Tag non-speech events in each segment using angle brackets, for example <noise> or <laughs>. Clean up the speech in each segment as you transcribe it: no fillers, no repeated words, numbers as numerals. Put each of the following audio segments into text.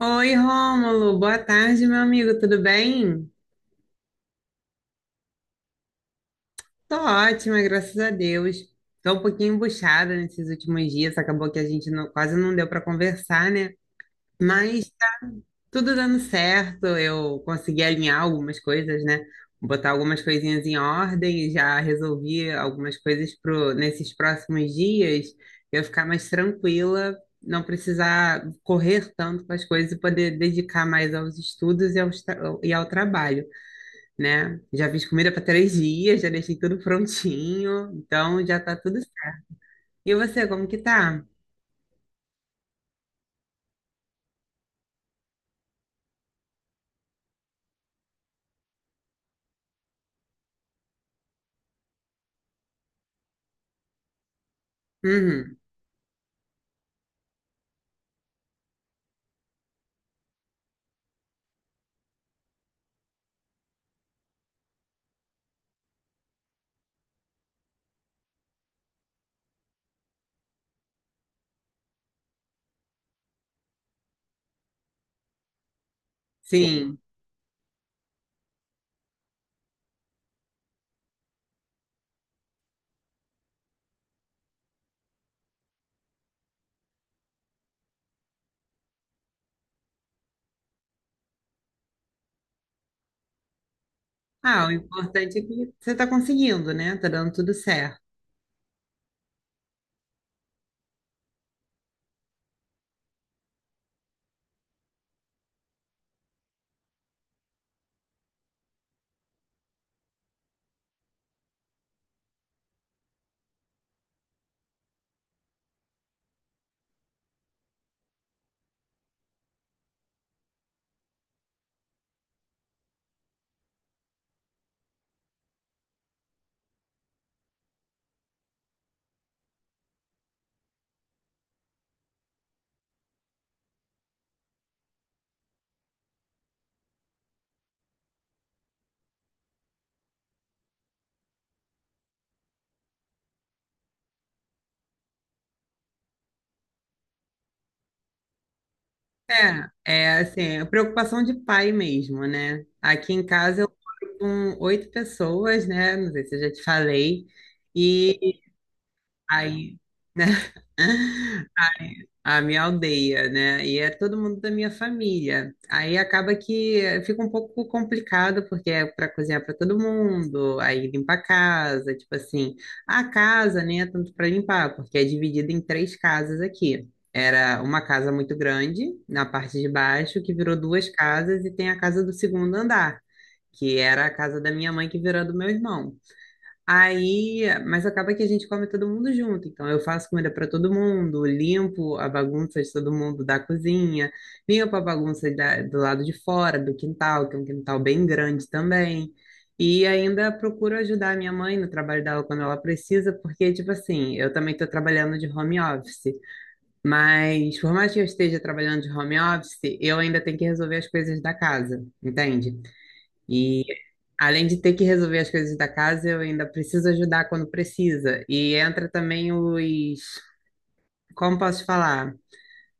Oi, Rômulo. Boa tarde, meu amigo. Tudo bem? Tô ótima, graças a Deus. Tô um pouquinho embuchada nesses últimos dias. Acabou que a gente não- quase não deu para conversar, né? Mas tudo dando certo. Eu consegui alinhar algumas coisas, né? Botar algumas coisinhas em ordem. E já resolvi algumas nesses próximos dias. Eu ficar mais tranquila, não precisar correr tanto com as coisas e poder dedicar mais aos estudos aos e ao trabalho, né? Já fiz comida para três dias, já deixei tudo prontinho, então já tá tudo. E você, como que tá? Uhum, sim. Ah, o importante é que você tá conseguindo, né? Tá dando tudo certo. É, é assim, a preocupação de pai mesmo, né? Aqui em casa eu moro com oito pessoas, né? Não sei se eu já te falei. E aí a minha aldeia, né? E é todo mundo da minha família. Aí acaba que fica um pouco complicado, porque é para cozinhar para todo mundo, aí limpar a casa, tipo assim. A casa nem é tanto para limpar, porque é dividida em três casas aqui. Era uma casa muito grande, na parte de baixo, que virou duas casas, e tem a casa do segundo andar, que era a casa da minha mãe, que virou a do meu irmão. Aí, mas acaba que a gente come todo mundo junto. Então, eu faço comida para todo mundo, limpo a bagunça de todo mundo da cozinha, limpo a bagunça do lado de fora, do quintal, que é um quintal bem grande também. E ainda procuro ajudar a minha mãe no trabalho dela quando ela precisa, porque, tipo assim, eu também estou trabalhando de home office. Mas, por mais que eu esteja trabalhando de home office, eu ainda tenho que resolver as coisas da casa, entende? Além de ter que resolver as coisas da casa, eu ainda preciso ajudar quando precisa. E entra também como posso falar?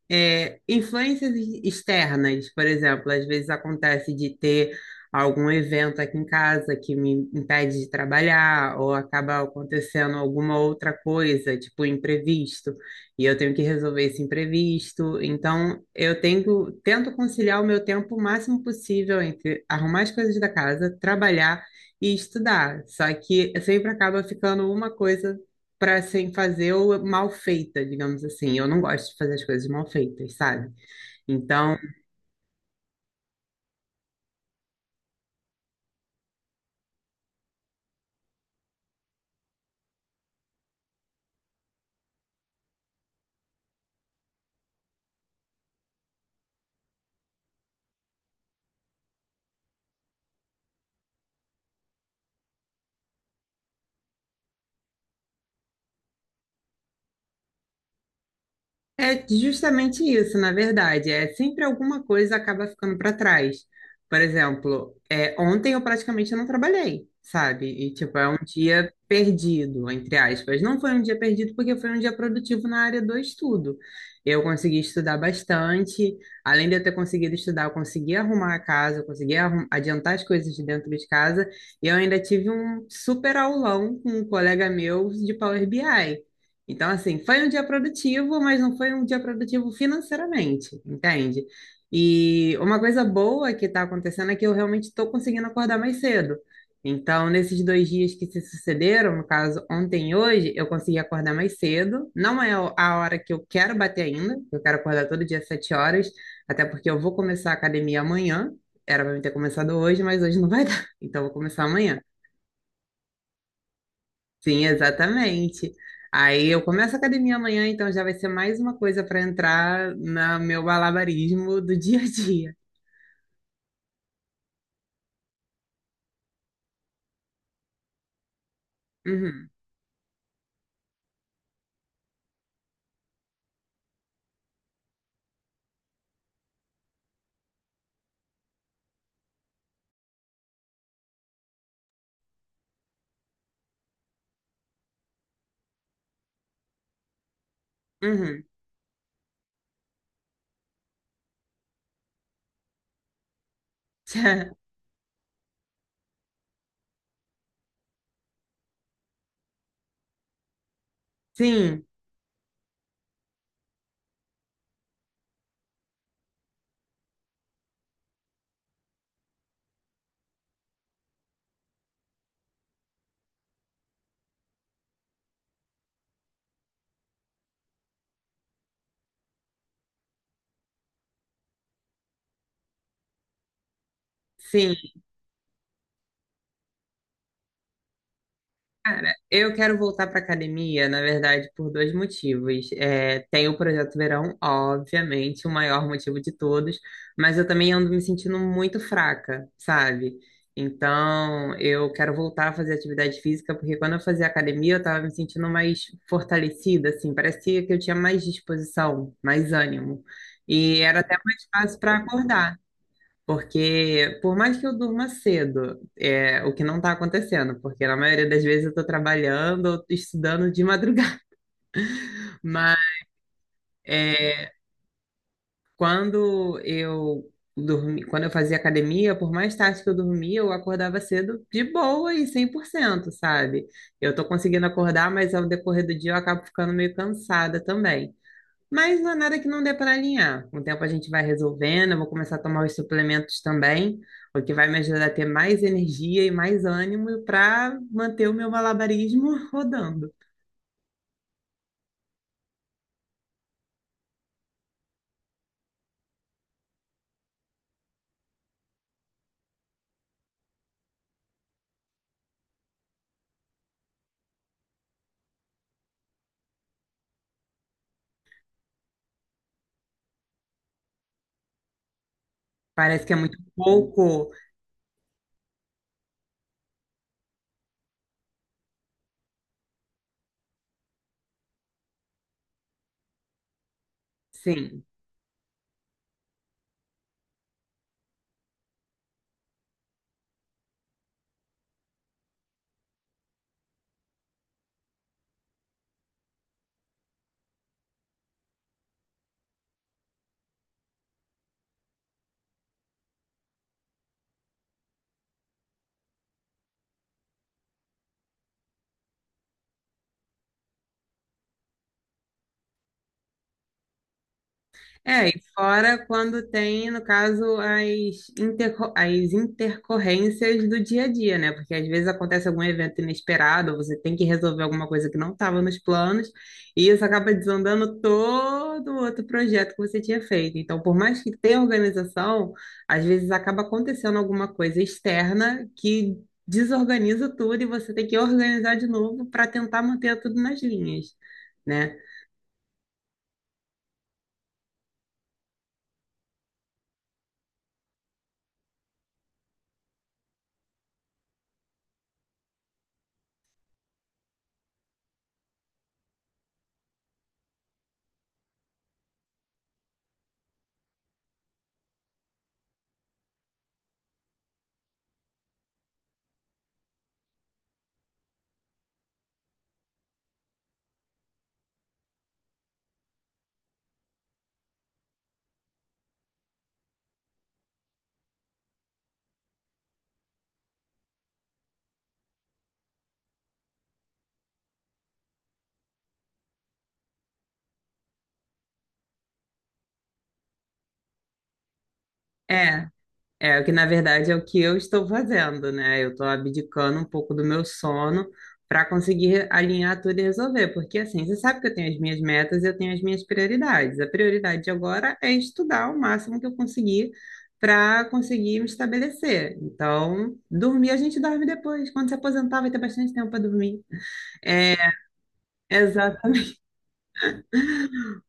É, influências externas, por exemplo, às vezes acontece de ter algum evento aqui em casa que me impede de trabalhar, ou acaba acontecendo alguma outra coisa, tipo imprevisto, e eu tenho que resolver esse imprevisto. Então, tento conciliar o meu tempo o máximo possível entre arrumar as coisas da casa, trabalhar e estudar. Só que sempre acaba ficando uma coisa para sem fazer ou mal feita, digamos assim. Eu não gosto de fazer as coisas mal feitas, sabe? Então, é justamente isso, na verdade. É sempre alguma coisa acaba ficando para trás. Por exemplo, é, ontem eu praticamente não trabalhei, sabe? E tipo, é um dia perdido, entre aspas. Não foi um dia perdido porque foi um dia produtivo na área do estudo. Eu consegui estudar bastante. Além de eu ter conseguido estudar, eu consegui arrumar a casa, eu adiantar as coisas de dentro de casa. E eu ainda tive um super aulão com um colega meu de Power BI. Então, assim, foi um dia produtivo, mas não foi um dia produtivo financeiramente, entende? E uma coisa boa que está acontecendo é que eu realmente estou conseguindo acordar mais cedo. Então, nesses dois dias que se sucederam, no caso, ontem e hoje, eu consegui acordar mais cedo. Não é a hora que eu quero bater ainda, eu quero acordar todo dia às sete horas, até porque eu vou começar a academia amanhã. Era para eu ter começado hoje, mas hoje não vai <laughs> dar, então eu vou começar amanhã. Sim, exatamente. Aí eu começo a academia amanhã, então já vai ser mais uma coisa para entrar no meu balabarismo do <laughs> dia a dia. Uhum, uhum. <laughs> Sim, sim. Cara, eu quero voltar para academia, na verdade, por dois motivos. É, tem o Projeto Verão, obviamente, o maior motivo de todos, mas eu também ando me sentindo muito fraca, sabe? Então, eu quero voltar a fazer atividade física, porque quando eu fazia academia, eu tava me sentindo mais fortalecida, assim, parecia que eu tinha mais disposição, mais ânimo. E era até mais fácil para acordar. Porque, por mais que eu durma cedo, é o que não está acontecendo, porque na maioria das vezes eu estou trabalhando ou tô estudando de madrugada. <laughs> Mas é, quando eu dormi, quando eu fazia academia, por mais tarde que eu dormia, eu acordava cedo de boa e 100%, sabe? Eu estou conseguindo acordar, mas ao decorrer do dia eu acabo ficando meio cansada também. Mas não é nada que não dê para alinhar. Com o tempo a gente vai resolvendo, eu vou começar a tomar os suplementos também, o que vai me ajudar a ter mais energia e mais ânimo para manter o meu malabarismo <laughs> rodando. Parece que é muito pouco, sim. É, e fora quando tem, no caso, interco as intercorrências do dia a dia, né? Porque às vezes acontece algum evento inesperado, ou você tem que resolver alguma coisa que não estava nos planos, e isso acaba desandando todo o outro projeto que você tinha feito. Então, por mais que tenha organização, às vezes acaba acontecendo alguma coisa externa que desorganiza tudo e você tem que organizar de novo para tentar manter tudo nas linhas, né? É. É, o que na verdade é o que eu estou fazendo, né? Eu estou abdicando um pouco do meu sono para conseguir alinhar tudo e resolver, porque assim, você sabe que eu tenho as minhas metas e eu tenho as minhas prioridades. A prioridade agora é estudar o máximo que eu conseguir para conseguir me estabelecer. Então, dormir a gente dorme depois. Quando se aposentar, vai ter bastante tempo para dormir. É, <laughs> exatamente.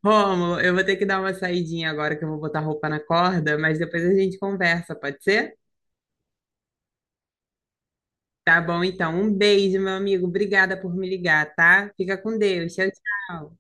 Rômulo, eu vou ter que dar uma saidinha agora que eu vou botar roupa na corda, mas depois a gente conversa, pode ser? Tá bom, então. Um beijo, meu amigo. Obrigada por me ligar, tá? Fica com Deus. Tchau, tchau.